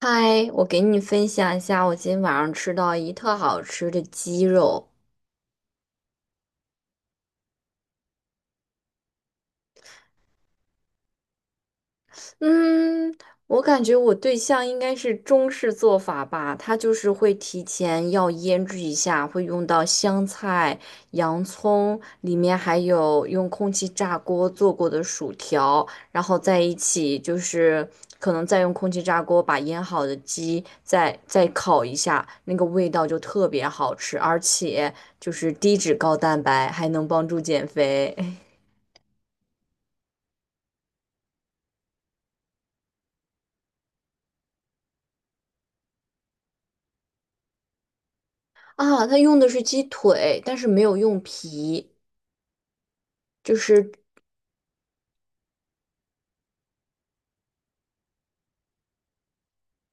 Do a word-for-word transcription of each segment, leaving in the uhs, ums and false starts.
嗨，我给你分享一下我今天晚上吃到一特好吃的鸡肉。嗯，我感觉我对象应该是中式做法吧，他就是会提前要腌制一下，会用到香菜、洋葱，里面还有用空气炸锅做过的薯条，然后在一起就是可能再用空气炸锅把腌好的鸡再再烤一下，那个味道就特别好吃，而且就是低脂高蛋白，还能帮助减肥。啊，他用的是鸡腿，但是没有用皮。就是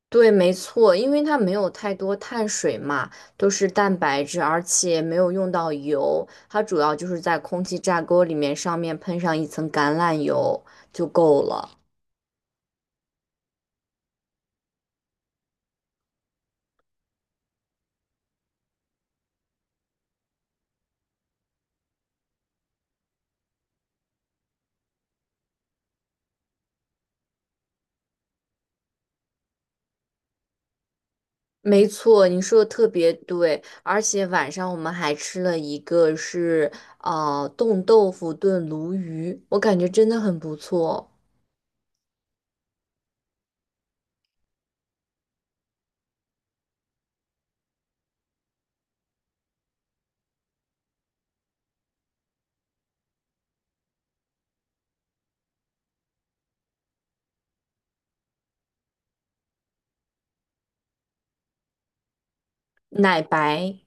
对，没错，因为它没有太多碳水嘛，都是蛋白质，而且没有用到油，它主要就是在空气炸锅里面上面喷上一层橄榄油就够了。没错，你说的特别对，而且晚上我们还吃了一个是呃冻豆腐炖鲈鱼，我感觉真的很不错，奶白。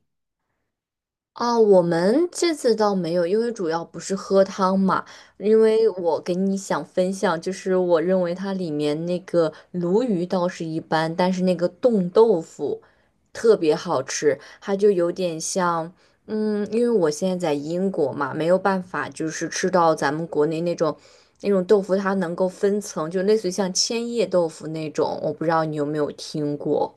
啊，我们这次倒没有，因为主要不是喝汤嘛，因为我给你想分享，就是我认为它里面那个鲈鱼倒是一般，但是那个冻豆腐特别好吃，它就有点像，嗯，因为我现在在英国嘛，没有办法就是吃到咱们国内那种那种豆腐，它能够分层，就类似于像千叶豆腐那种，我不知道你有没有听过。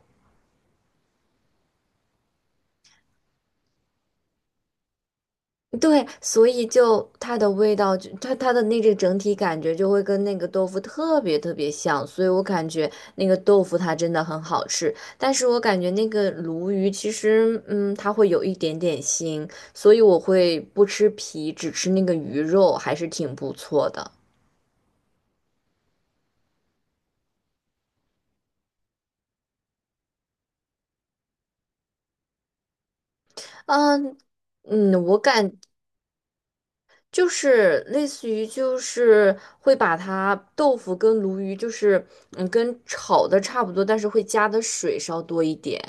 对，所以就它的味道，就它它的那个整体感觉就会跟那个豆腐特别特别像，所以我感觉那个豆腐它真的很好吃，但是我感觉那个鲈鱼其实，嗯，它会有一点点腥，所以我会不吃皮，只吃那个鱼肉，还是挺不错的。嗯嗯，我感就是类似于就是会把它豆腐跟鲈鱼就是嗯跟炒的差不多，但是会加的水稍多一点。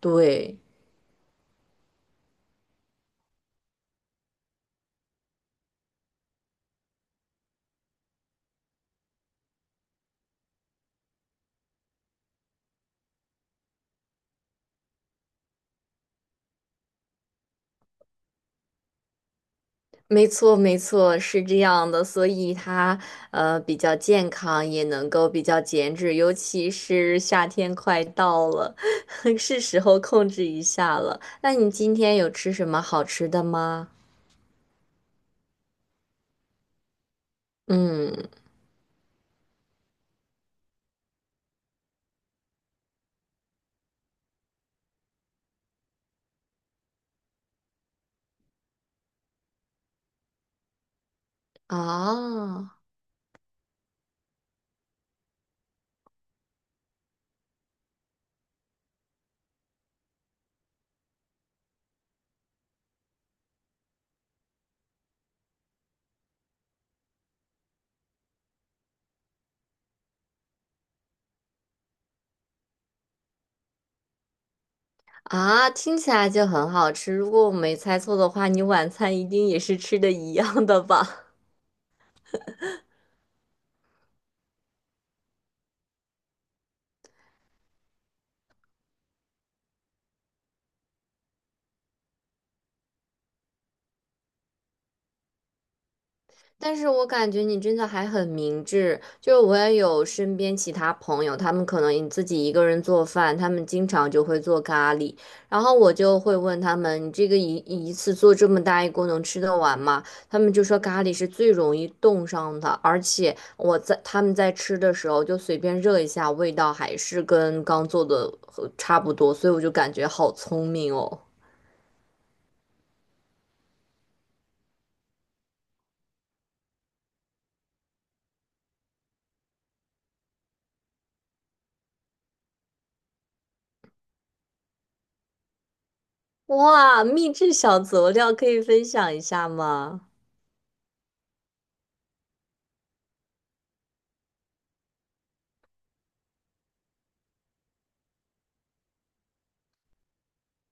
对，没错，没错，是这样的，所以它呃比较健康，也能够比较减脂，尤其是夏天快到了，是时候控制一下了。那你今天有吃什么好吃的吗？嗯，啊，啊，听起来就很好吃。如果我没猜错的话，你晚餐一定也是吃的一样的吧？但是我感觉你真的还很明智，就是我也有身边其他朋友，他们可能自己一个人做饭，他们经常就会做咖喱，然后我就会问他们，你这个一一次做这么大一锅能吃得完吗？他们就说咖喱是最容易冻上的，而且我在他们在吃的时候就随便热一下，味道还是跟刚做的呃差不多，所以我就感觉好聪明哦。哇，秘制小佐料可以分享一下吗？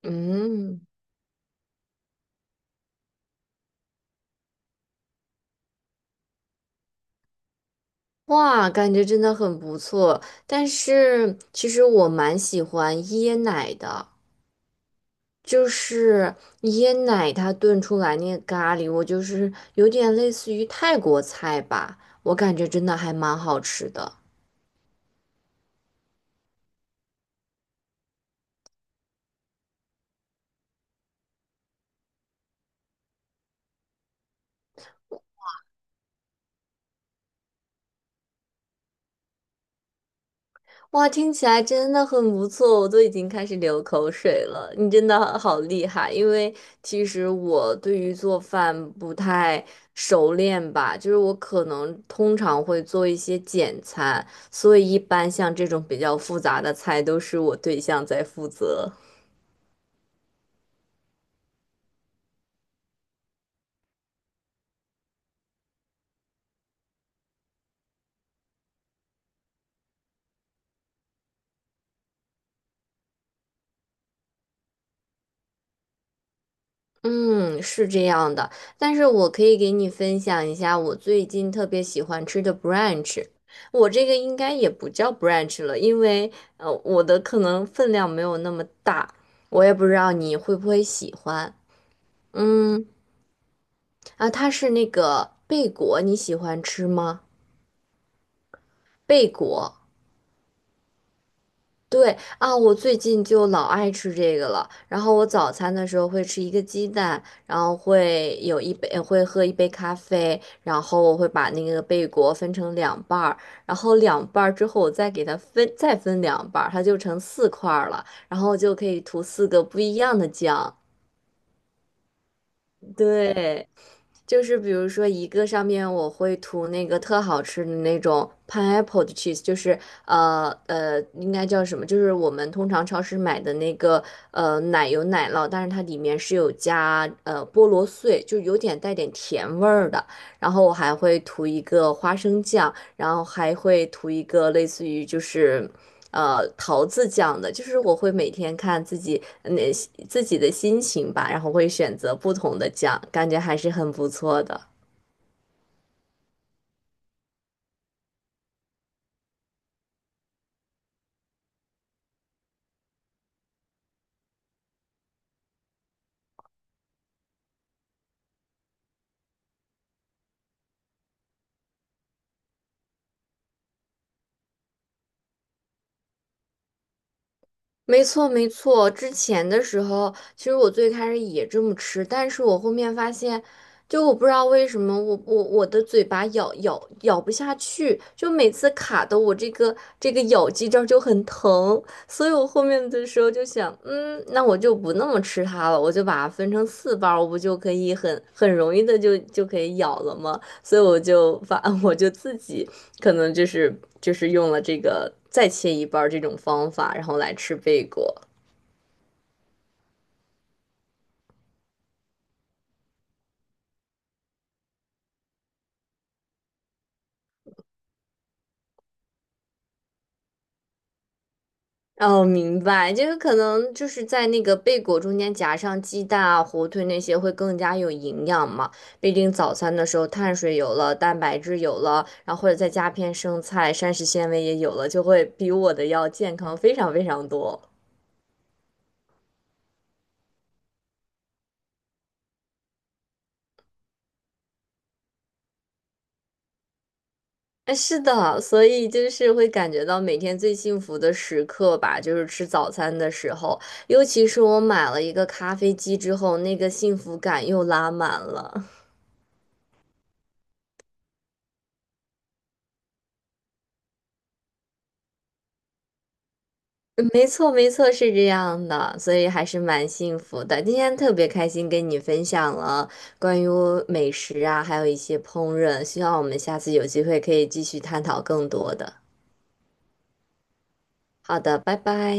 嗯。哇，感觉真的很不错。但是其实我蛮喜欢椰奶的，就是椰奶它炖出来那个咖喱，我就是有点类似于泰国菜吧，我感觉真的还蛮好吃的。哇，听起来真的很不错，我都已经开始流口水了。你真的好厉害，因为其实我对于做饭不太熟练吧，就是我可能通常会做一些简餐，所以一般像这种比较复杂的菜都是我对象在负责。嗯，是这样的，但是我可以给你分享一下我最近特别喜欢吃的 b r a n c h， 我这个应该也不叫 b r a n c h 了，因为呃，我的可能分量没有那么大，我也不知道你会不会喜欢。嗯，啊，它是那个贝果，你喜欢吃吗？贝果。对啊，我最近就老爱吃这个了。然后我早餐的时候会吃一个鸡蛋，然后会有一杯，呃会喝一杯咖啡，然后我会把那个贝果分成两半儿，然后两半儿之后我再给它分，再分两半儿，它就成四块儿了，然后就可以涂四个不一样的酱。对，就是比如说一个上面我会涂那个特好吃的那种 pineapple 的 cheese，就是呃呃，应该叫什么？就是我们通常超市买的那个呃奶油奶酪，但是它里面是有加呃菠萝碎，就有点带点甜味儿的。然后我还会涂一个花生酱，然后还会涂一个类似于就是。呃桃子酱的，就是我会每天看自己呃那自己的心情吧，然后会选择不同的酱，感觉还是很不错的。没错，没错。之前的时候，其实我最开始也这么吃，但是我后面发现，就我不知道为什么我，我我的嘴巴咬咬咬不下去，就每次卡的我这个这个咬肌这儿就很疼，所以我后面的时候就想，嗯，那我就不那么吃它了，我就把它分成四瓣儿，我不就可以很很容易的就就可以咬了吗？所以我就发，我就自己可能就是就是用了这个再切一半儿这种方法，然后来吃贝果。哦，明白，就是可能就是在那个贝果中间夹上鸡蛋啊、火腿那些会更加有营养嘛。毕竟早餐的时候碳水有了，蛋白质有了，然后或者再加片生菜，膳食纤维也有了，就会比我的要健康非常非常多。哎，是的，所以就是会感觉到每天最幸福的时刻吧，就是吃早餐的时候，尤其是我买了一个咖啡机之后，那个幸福感又拉满了。没错，没错，是这样的，所以还是蛮幸福的。今天特别开心跟你分享了关于美食啊，还有一些烹饪，希望我们下次有机会可以继续探讨更多的。好的，拜拜。